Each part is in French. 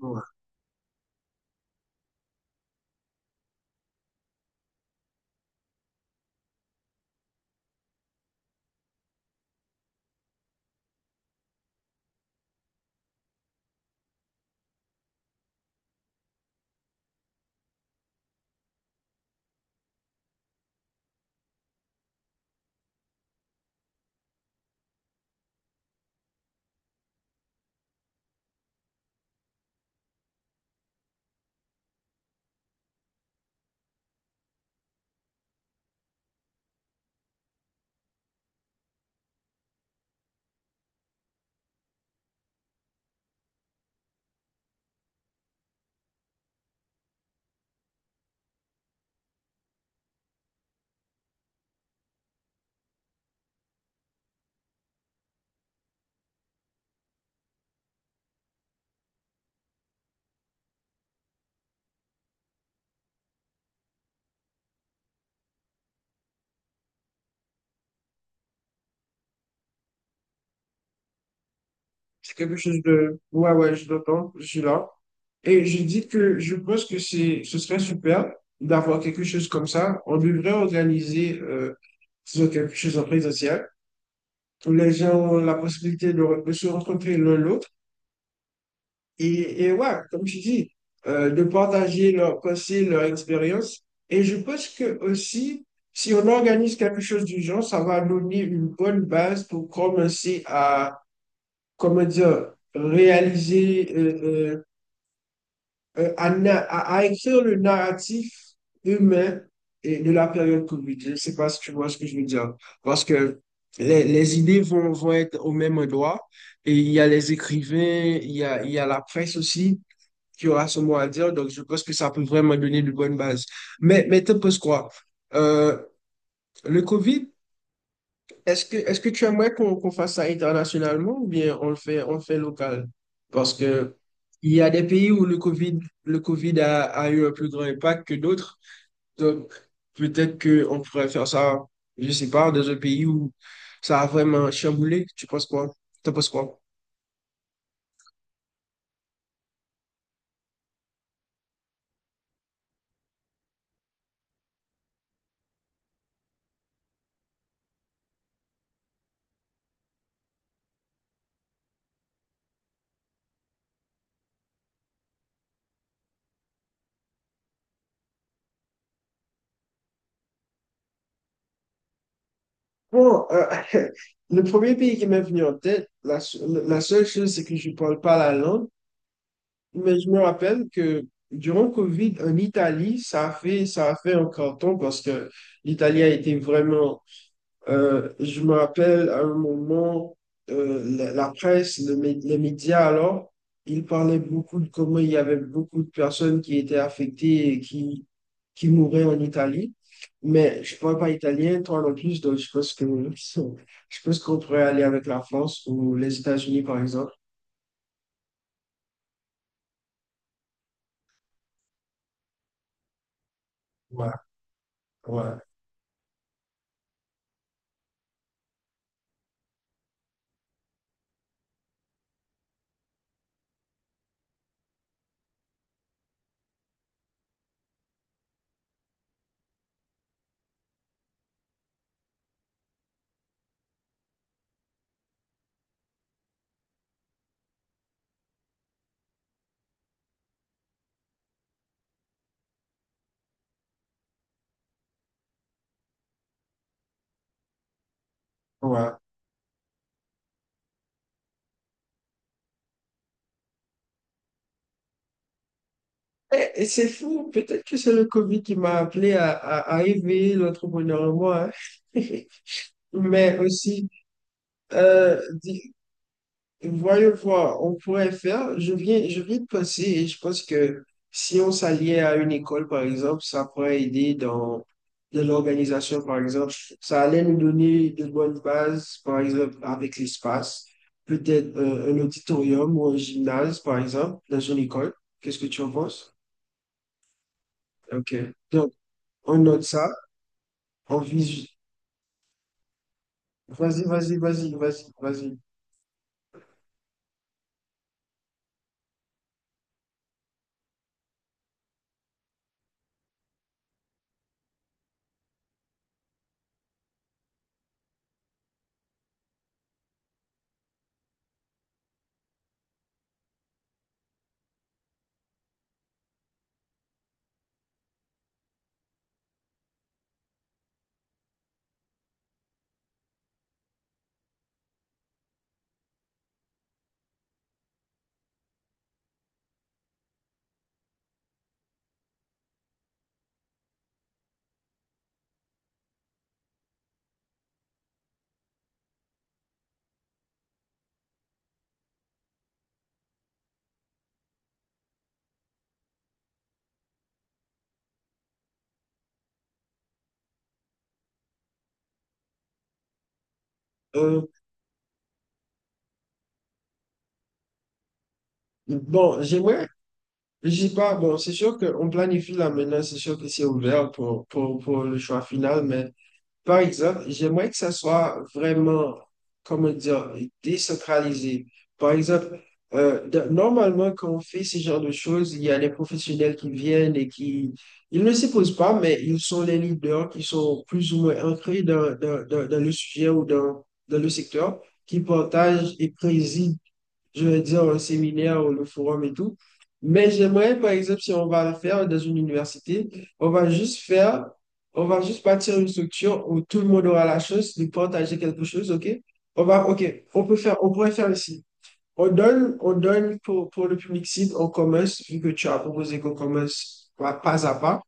Ouais. C'est quelque chose de... Ouais, ouais, je l'entends, je suis là. Et je dis que je pense que c'est, ce serait super d'avoir quelque chose comme ça. On devrait organiser disons, quelque chose en présentiel où les gens ont la possibilité de, de se rencontrer l'un l'autre. Et ouais, comme tu dis, de partager leurs pensées, leur expérience. Et je pense que aussi, si on organise quelque chose du genre, ça va donner une bonne base pour commencer comment dire, réaliser, à, à écrire le narratif humain et de la période Covid. Je ne sais pas si tu vois ce que je veux dire. Parce que les idées vont être au même endroit. Et il y a les écrivains, il y a la presse aussi qui aura son mot à dire. Donc, je pense que ça peut vraiment donner de bonnes bases. Mais tu penses quoi? Euh, le Covid, est-ce que, est-ce que tu aimerais qu'on fasse ça internationalement ou bien on le fait local? Parce que il y a des pays où le COVID a, a eu un plus grand impact que d'autres. Donc, peut-être qu'on pourrait faire ça, je sais pas, dans un pays où ça a vraiment chamboulé. Tu penses quoi? T'en penses quoi? Bon, le premier pays qui m'est venu en tête, la, la seule chose, c'est que je parle pas la langue. Mais je me rappelle que durant Covid, en Italie, ça a fait un carton parce que l'Italie a été vraiment. Je me rappelle à un moment, la, la presse, le les médias alors, ils parlaient beaucoup de comment il y avait beaucoup de personnes qui étaient affectées et qui mouraient en Italie. Mais je ne parle pas italien, toi non plus, donc je pense que je pense qu'on pourrait aller avec la France ou les États-Unis, par exemple. Ouais, ouais, ouais. Eh, et c'est fou, peut-être que c'est le Covid qui m'a appelé à éveiller l'entrepreneur en moi, hein. Mais aussi, euh, di- voyons voir, on pourrait faire, je viens de penser et je pense que si on s'alliait à une école, par exemple, ça pourrait aider dans, dans l'organisation, par exemple. Ça allait nous donner de bonnes bases, par exemple, avec l'espace. Peut-être un auditorium ou un gymnase, par exemple, dans une école. Qu'est-ce que tu en penses? Ok. On note ça. On vise. Vas-y, vas-y, vas-y, vas-y, vas-y. Euh, bon, j'aimerais, je sais pas, bon, c'est sûr qu'on planifie là maintenant, c'est sûr que c'est ouvert pour le choix final, mais par exemple, j'aimerais que ça soit vraiment, comment dire, décentralisé. Par exemple, normalement, quand on fait ce genre de choses, il y a des professionnels qui viennent et qui, ils ne s'y posent pas, mais ils sont les leaders qui sont plus ou moins ancrés dans, dans le sujet ou dans, dans le secteur, qui partagent et président, je vais dire, un séminaire ou le forum et tout. Mais j'aimerais, par exemple, si on va le faire dans une université, on va juste faire, on va juste bâtir une structure où tout le monde aura la chance de partager quelque chose, OK? On va, OK, on peut faire, on pourrait faire ici. On donne pour le public cible, on commence, vu que tu as proposé qu'on commence pas pas à pas.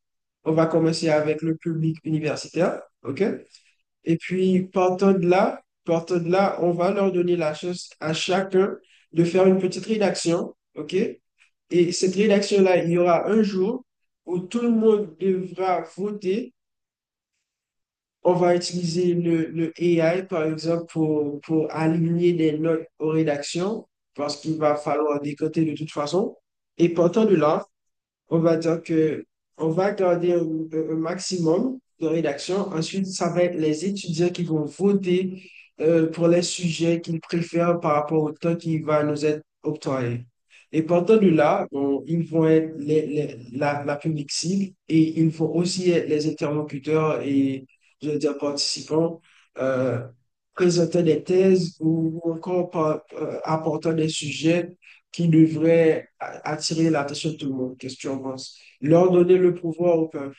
On va commencer avec le public universitaire, OK? Et puis, partant de là, on va leur donner la chance à chacun de faire une petite rédaction, OK? Et cette rédaction-là, il y aura un jour où tout le monde devra voter. On va utiliser le AI, par exemple, pour aligner des notes aux rédactions, parce qu'il va falloir décoter de toute façon. Et partant de là, on va dire que on va garder un, un maximum de rédaction. Ensuite, ça va être les étudiants qui vont voter pour les sujets qu'ils préfèrent par rapport au temps qui va nous être octroyé. Et partant de là, bon, ils vont être la, la public cible et ils vont aussi être les interlocuteurs et, je veux dire, participants euh, présentant des thèses ou encore apportant des sujets qui devrait attirer l'attention de tout le monde. Qu'est-ce que tu en penses? Leur donner le pouvoir au peuple.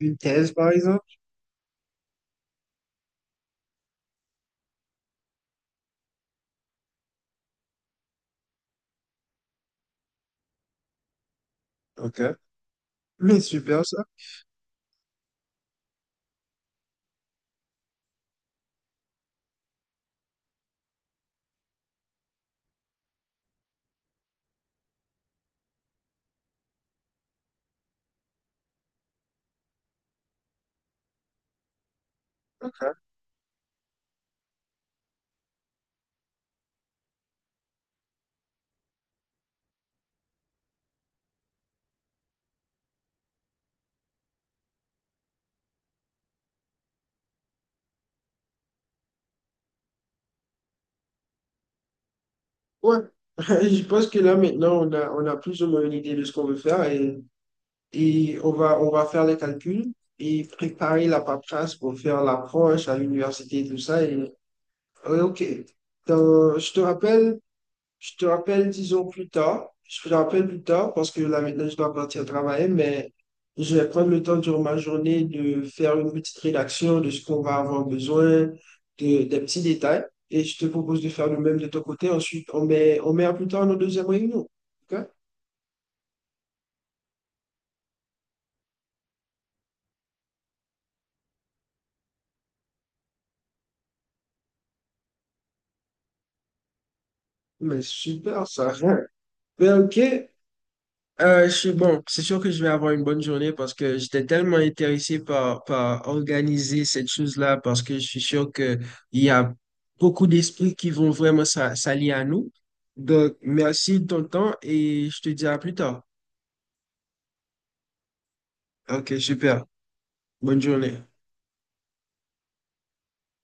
Une thèse, par exemple. OK. Mais super ça. OK. Ouais. Je pense que là, maintenant, on a plus ou moins une idée de ce qu'on veut faire et, on va faire les calculs et préparer la paperasse pour faire l'approche à l'université et tout ça. Et, ouais, OK. Dans- je te rappelle Je te rappelle, disons, plus tard. Je te rappelle plus tard parce que là, maintenant, je dois partir travailler, mais je vais prendre le temps durant ma journée de faire une petite rédaction de ce qu'on va avoir besoin, de, des petits détails. Et je te propose de faire le même de ton côté. Ensuite, on met à plus tard nos deuxième réunion. OK? Mais super, ça. Ben, OK. Je suis bon, c'est sûr que je vais avoir une bonne journée parce que j'étais tellement intéressé par, par organiser cette chose-là parce que je suis sûr que il y a beaucoup d'esprits qui vont vraiment s'allier à nous. Donc, merci de ton temps et je te dis à plus tard. Ok, super. Bonne journée.